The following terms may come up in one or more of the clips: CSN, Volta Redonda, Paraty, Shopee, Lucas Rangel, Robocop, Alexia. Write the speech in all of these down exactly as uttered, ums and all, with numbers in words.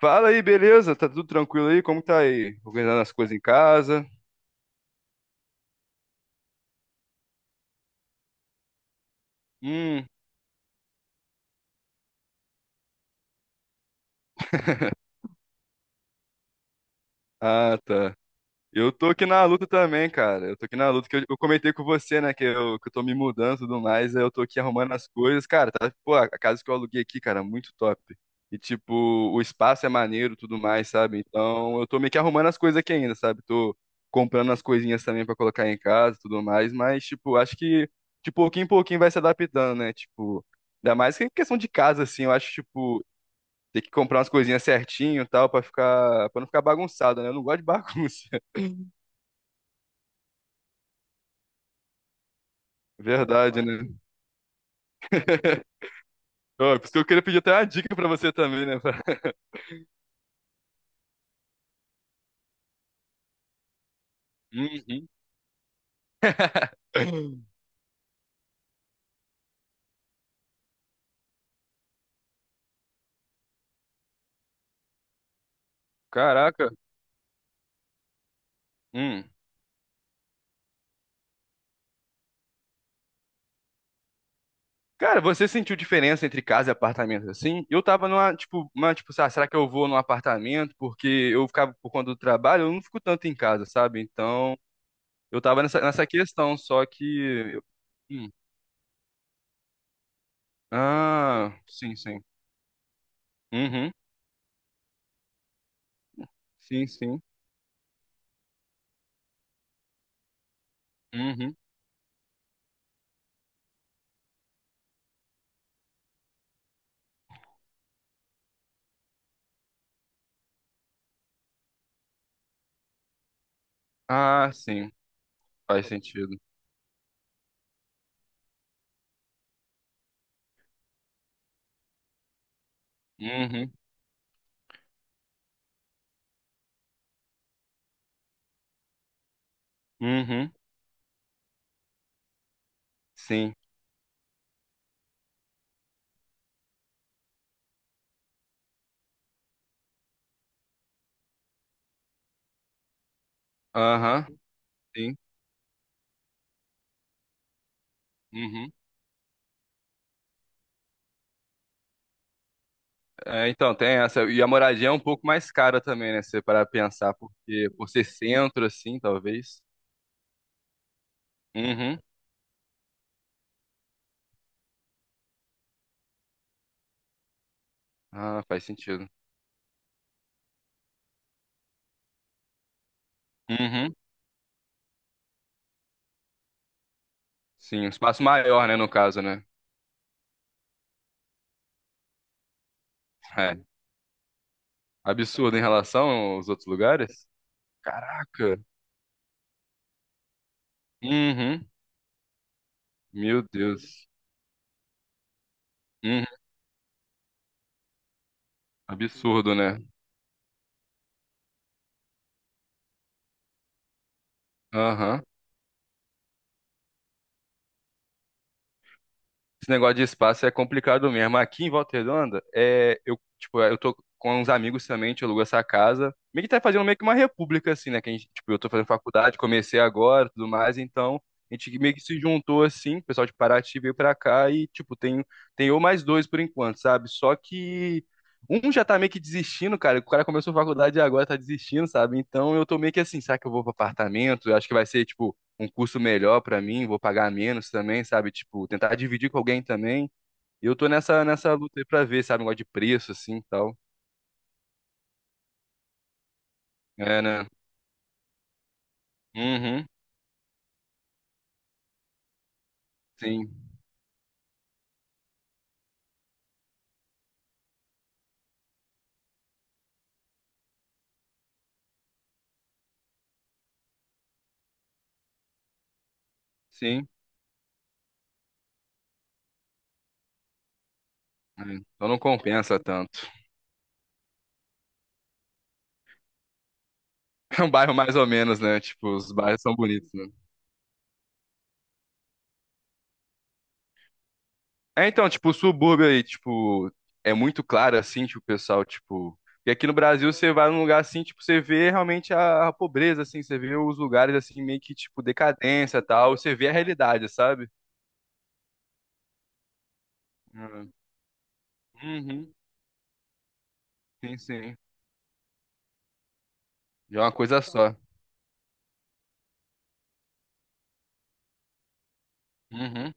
Fala aí, beleza? Tá tudo tranquilo aí? Como tá aí? Organizando as coisas em casa? Hum, ah, tá. Eu tô aqui na luta também, cara. Eu tô aqui na luta que eu, eu comentei com você, né? Que eu, que eu tô me mudando e tudo mais. Aí eu tô aqui arrumando as coisas. Cara, tá, pô, a casa que eu aluguei aqui, cara, muito top. E, tipo, o espaço é maneiro e tudo mais, sabe? Então eu tô meio que arrumando as coisas aqui ainda, sabe? Tô comprando as coisinhas também pra colocar em casa e tudo mais. Mas, tipo, acho que de pouquinho em pouquinho vai se adaptando, né? Tipo, ainda mais que em questão de casa, assim. Eu acho, tipo, ter que comprar umas coisinhas certinho e tal pra ficar, pra não ficar bagunçado, né? Eu não gosto de bagunça. Verdade, né? Ó, por isso que eu queria pedir até uma dica pra você também, né? pra- Uhum. Caraca. Hum. Cara, você sentiu diferença entre casa e apartamento assim? Eu tava numa, tipo, uma, tipo, sabe, será que eu vou num apartamento? Porque eu ficava por conta do trabalho, eu não fico tanto em casa, sabe? Então, eu tava nessa, nessa questão, só que. eu- Hum. Ah, sim, sim. Uhum. Sim, sim. Uhum. Ah, sim. Faz sentido. Uhum. Uhum. Sim. Aham. Sim. Uhum. É, então, tem essa. E a moradia é um pouco mais cara também, né? Se você parar pra pensar, porque por ser centro, assim, talvez. Uhum. Ah, faz sentido. Uhum. Sim, um espaço maior, né, no caso, né? É. Absurdo em relação aos outros lugares. Caraca. Uhum. Meu Deus. Uhum. Absurdo, né? Aham. Esse negócio de espaço é complicado mesmo. Aqui em Volta Redonda, é, eu, tipo, eu tô com uns amigos também, a gente alugou essa casa. Meio que tá fazendo meio que uma república, assim, né? Que a gente, tipo, eu tô fazendo faculdade, comecei agora, tudo mais, então a gente meio que se juntou, assim, o pessoal de Paraty veio pra cá e, tipo, tem, tem eu mais dois por enquanto, sabe? Só que um já tá meio que desistindo, cara. O cara começou a faculdade e agora tá desistindo, sabe? Então eu tô meio que assim, será que eu vou pro apartamento? Eu acho que vai ser, tipo, um curso melhor pra mim, vou pagar menos também, sabe? Tipo, tentar dividir com alguém também. E eu tô nessa, nessa luta aí pra ver, sabe? Um negócio de preço, assim, e tal. É, né? Uhum, sim, sim. É, então não compensa tanto. É um bairro mais ou menos, né? Tipo, os bairros são bonitos, né? É, então, tipo, o subúrbio aí, tipo, é muito claro, assim, tipo, o pessoal, tipo... E aqui no Brasil, você vai num lugar assim, tipo, você vê realmente a, a pobreza, assim, você vê os lugares, assim, meio que, tipo, decadência e tal, você vê a realidade, sabe? É. Uhum. Sim, sim. Já é uma coisa só. Uhum,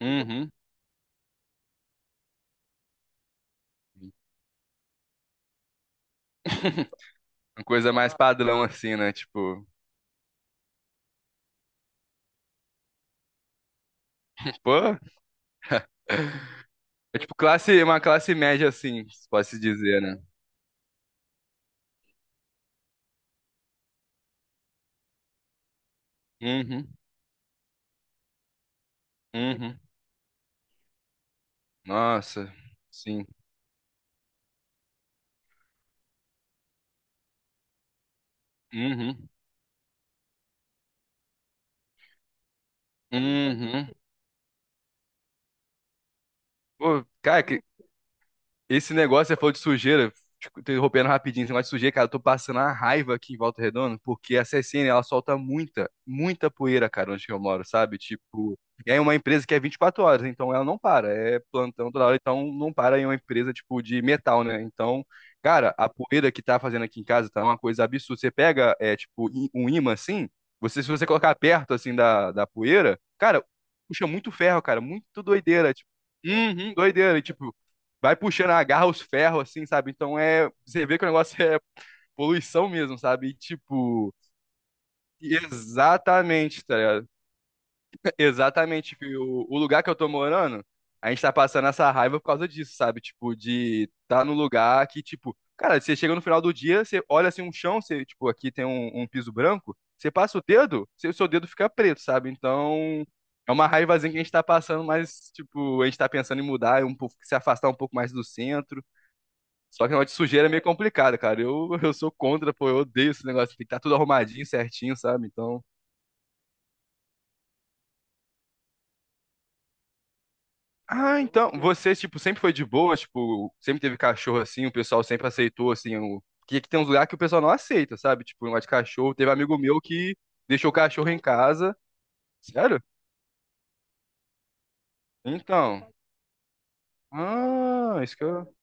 uhum. Uma coisa mais padrão, assim, né? Tipo, pô, é tipo classe, uma classe média, assim, se pode se dizer, né? Uhum, uhum. Nossa, sim. Uhum, uhum. Pô, cara, esse negócio, você falou de sujeira, te interrompendo rapidinho, esse negócio de sujeira, cara, eu tô passando a raiva aqui em Volta Redonda, porque a C S N, ela solta muita, muita poeira, cara, onde que eu moro, sabe? Tipo, e aí é uma empresa que é vinte e quatro horas, então ela não para, é plantão toda hora, então não para em uma empresa, tipo, de metal, né? Então, cara, a poeira que tá fazendo aqui em casa tá uma coisa absurda. Você pega, é, tipo, i- um imã assim, você, se você colocar perto, assim, da, da poeira, cara, puxa muito ferro, cara, muito doideira, tipo, uhum, doideira, e, tipo, vai puxando, agarra os ferros, assim, sabe? Então é. Você vê que o negócio é poluição mesmo, sabe? E, tipo. Exatamente, tá ligado? Exatamente. Que O, o lugar que eu tô morando, a gente tá passando essa raiva por causa disso, sabe? Tipo, de tá no lugar que, tipo, cara, você chega no final do dia, você olha assim um chão, você, tipo, aqui tem um, um piso branco, você passa o dedo, seu, seu dedo fica preto, sabe? Então, é uma raivazinha que a gente tá passando, mas, tipo, a gente tá pensando em mudar, um pouco, se afastar um pouco mais do centro. Só que o negócio de sujeira é meio complicado, cara. Eu, eu sou contra, pô, eu odeio esse negócio. Tem que estar tudo arrumadinho, certinho, sabe? Então. Ah, então, você, tipo, sempre foi de boa, tipo, sempre teve cachorro assim, o pessoal sempre aceitou, assim, o... que que tem uns lugares que o pessoal não aceita, sabe? Tipo, o negócio de cachorro. Teve amigo meu que deixou o cachorro em casa. Sério? Então. Ah, isso que eu.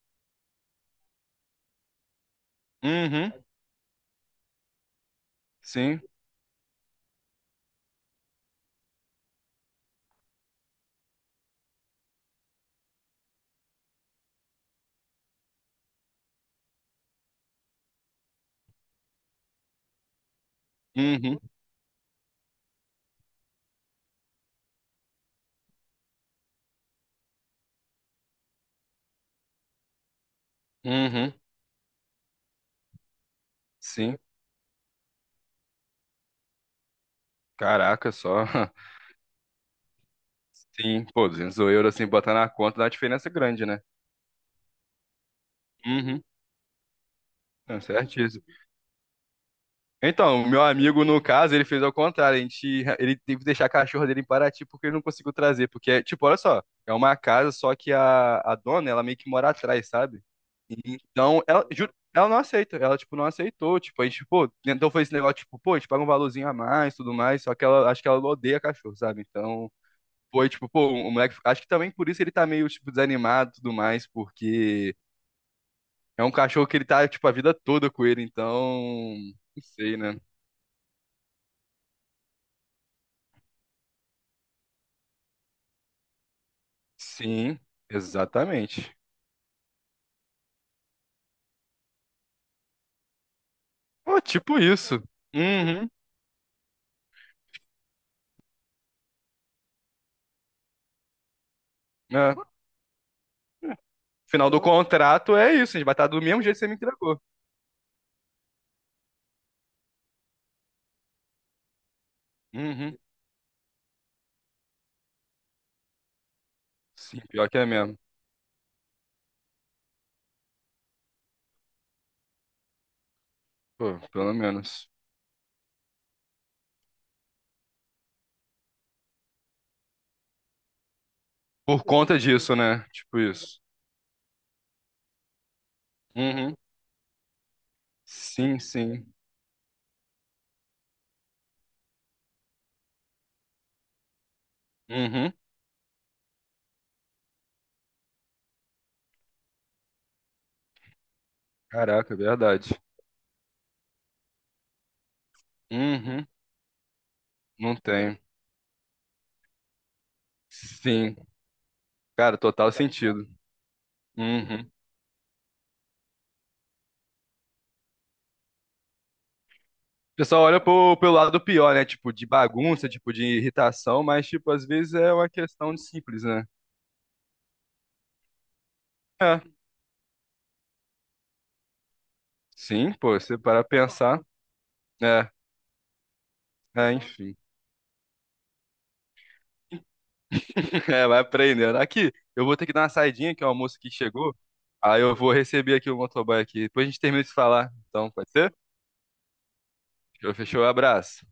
Uhum, sim. Uhum, uhum, sim. Caraca, só. Sim, pô, duzentos euros, assim, botar na conta dá uma diferença grande, né? Uhum, tá certo. Então, o meu amigo, no caso, ele fez ao contrário. A gente, ele teve que deixar a cachorra dele em Paraty porque ele não conseguiu trazer. Porque, é, tipo, olha só, é uma casa, só que a, a dona, ela meio que mora atrás, sabe? Então, ela, juro, ela não aceita. Ela, tipo, não aceitou. Tipo, a gente, pô, então foi esse negócio, tipo, pô, a gente paga um valorzinho a mais, tudo mais. Só que ela, acho que ela odeia cachorro, sabe? Então, foi, tipo, pô, o moleque, acho que também por isso ele tá meio, tipo, desanimado e tudo mais, porque é um cachorro que ele tá, tipo, a vida toda com ele. Então, não sei, né? Sim, exatamente. Pô, tipo isso. Uhum. É. Final do contrato é isso, a gente vai estar do mesmo jeito que você me entregou. Uhum. Sim, pior que é mesmo. Pô, pelo menos. Por conta disso, né? Tipo isso. Uhum. Sim, sim. Uhum. Caraca, é verdade. Uhum. Não tem. Sim. Cara, total sentido. Uhum. O pessoal olha pro, pelo lado pior, né? Tipo, de bagunça, tipo, de irritação, mas, tipo, às vezes é uma questão de simples, né? É. Sim, pô, você para pensar. É, é, enfim. É, vai aprendendo. Aqui, eu vou ter que dar uma saidinha, que é o almoço aqui chegou. Aí eu vou receber aqui o motoboy aqui. Depois a gente termina de falar. Então, pode ser? Fechou, fechou, abraço.